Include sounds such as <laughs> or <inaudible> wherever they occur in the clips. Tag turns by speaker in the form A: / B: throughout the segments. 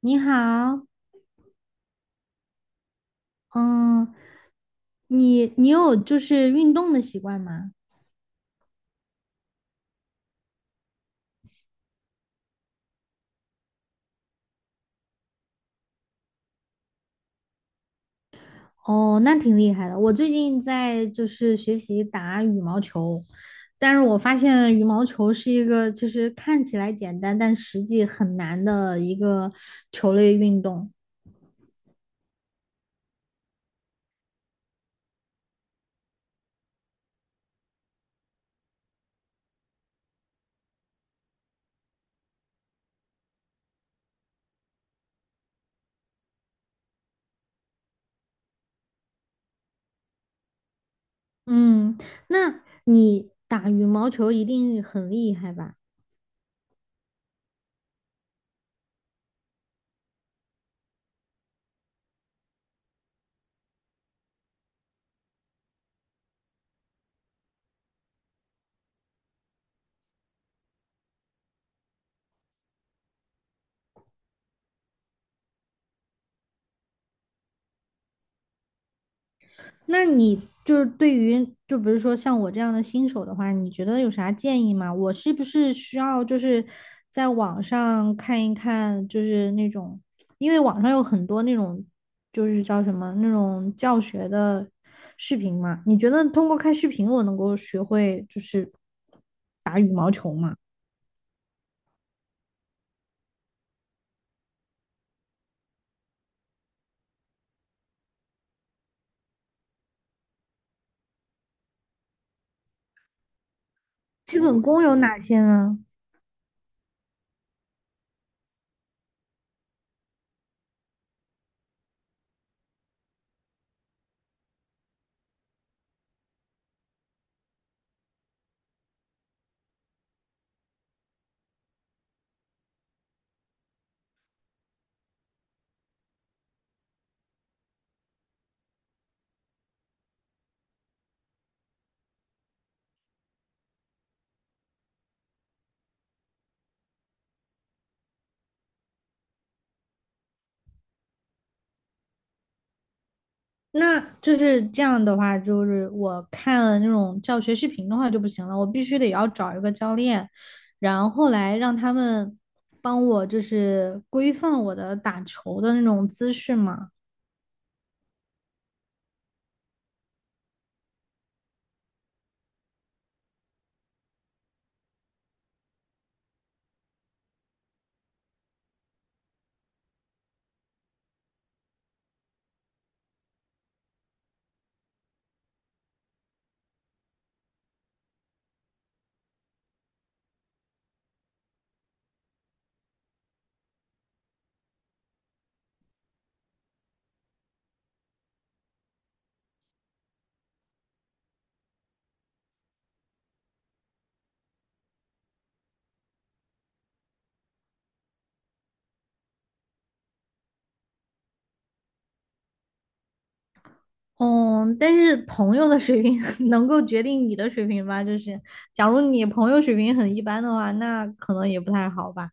A: 你好。嗯，你有就是运动的习惯吗？哦，那挺厉害的。我最近在就是学习打羽毛球，但是我发现羽毛球是一个就是看起来简单，但实际很难的一个球类运动。嗯，那你打羽毛球一定很厉害吧？那你就是对于，就比如说像我这样的新手的话，你觉得有啥建议吗？我是不是需要就是在网上看一看，就是那种，因为网上有很多那种，就是叫什么那种教学的视频嘛？你觉得通过看视频，我能够学会就是基本功有哪些呢？那就是这样的话，就是我看了那种教学视频的话就不行了，我必须得要找一个教练，然后来让他们帮我就是规范我的打球的那种姿势嘛。嗯，但是朋友的水平 <laughs> 能够决定你的水平吧？就是假如你朋友水平很一般的话，那可能也不太好吧。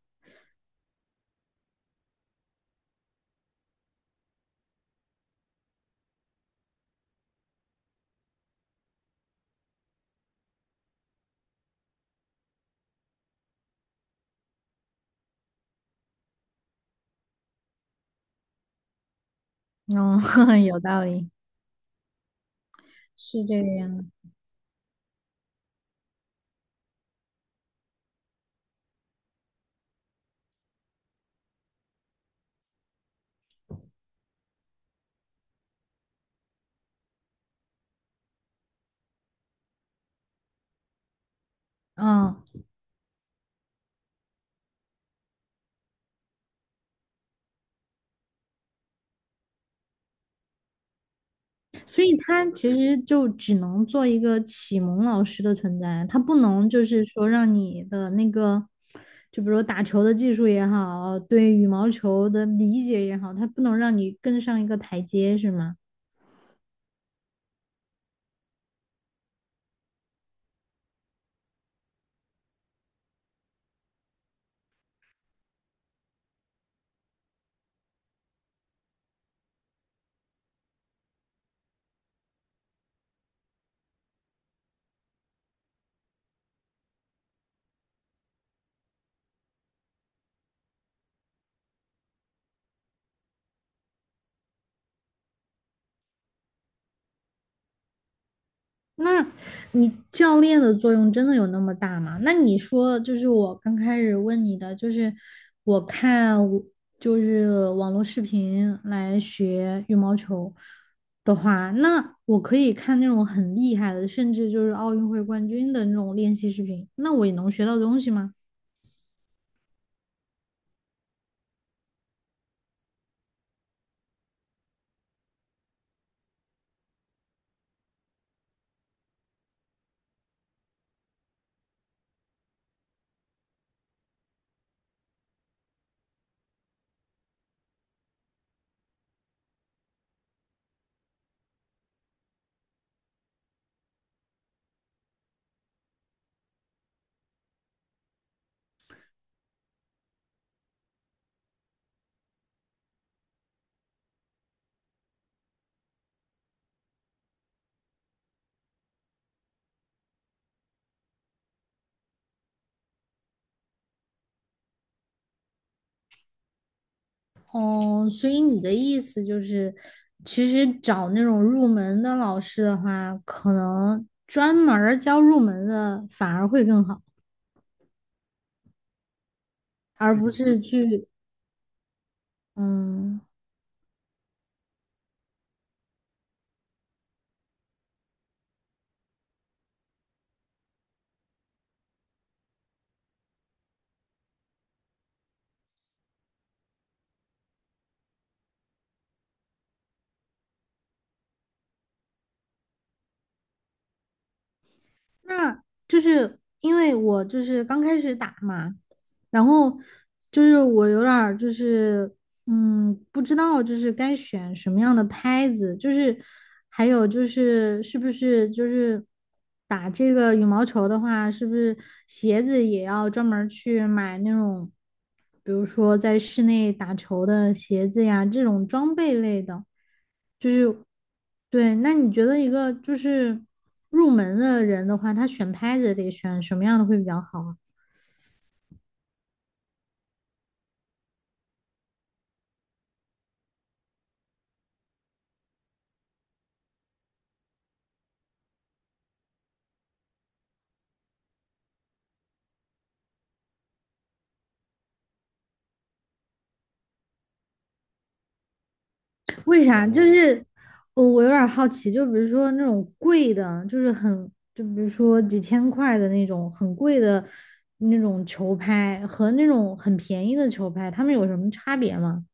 A: 嗯，<laughs> 有道理，是这个样的。嗯。所以他其实就只能做一个启蒙老师的存在，他不能就是说让你的那个，就比如打球的技术也好，对羽毛球的理解也好，他不能让你更上一个台阶，是吗？那你教练的作用真的有那么大吗？那你说，就是我刚开始问你的，就是我看就是网络视频来学羽毛球的话，那我可以看那种很厉害的，甚至就是奥运会冠军的那种练习视频，那我也能学到东西吗？哦，所以你的意思就是，其实找那种入门的老师的话，可能专门儿教入门的反而会更好。而不是去，嗯，那就是因为我就是刚开始打嘛，然后就是我有点儿就是嗯，不知道就是该选什么样的拍子，就是还有就是是不是就是打这个羽毛球的话，是不是鞋子也要专门儿去买那种，比如说在室内打球的鞋子呀，这种装备类的，就是对。那你觉得一个就是入门的人的话，他选拍子得选什么样的会比较好啊？为啥？就是我有点儿好奇，就比如说那种贵的，就是很，就比如说几千块的那种很贵的那种球拍和那种很便宜的球拍，它们有什么差别吗？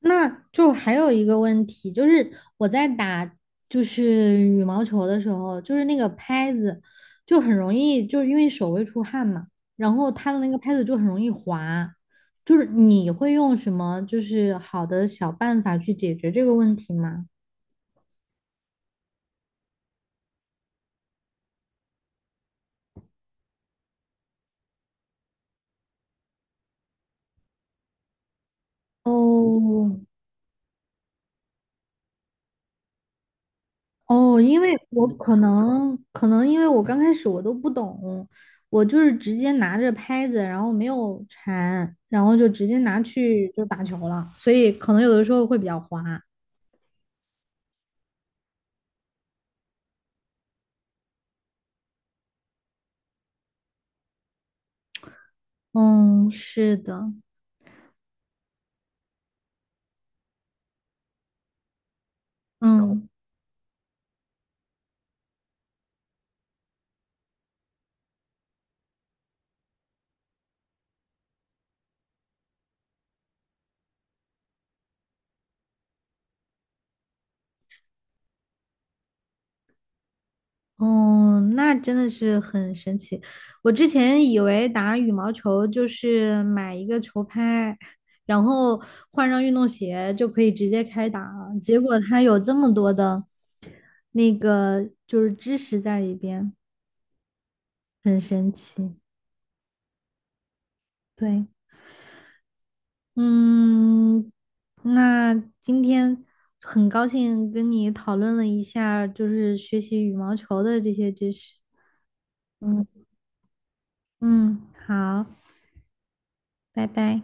A: 那就还有一个问题，就是我在打就是羽毛球的时候，就是那个拍子就很容易，就是因为手会出汗嘛，然后它的那个拍子就很容易滑。就是你会用什么就是好的小办法去解决这个问题吗？哦，哦，因为我可能因为我刚开始我都不懂，我就是直接拿着拍子，然后没有缠，然后就直接拿去就打球了，所以可能有的时候会比较滑。嗯，是的，嗯。哦，那真的是很神奇。我之前以为打羽毛球就是买一个球拍，然后换上运动鞋就可以直接开打了，结果它有这么多的那个就是知识在里边，很神奇。对。嗯，那今天很高兴跟你讨论了一下，就是学习羽毛球的这些知识。嗯嗯，好，拜拜。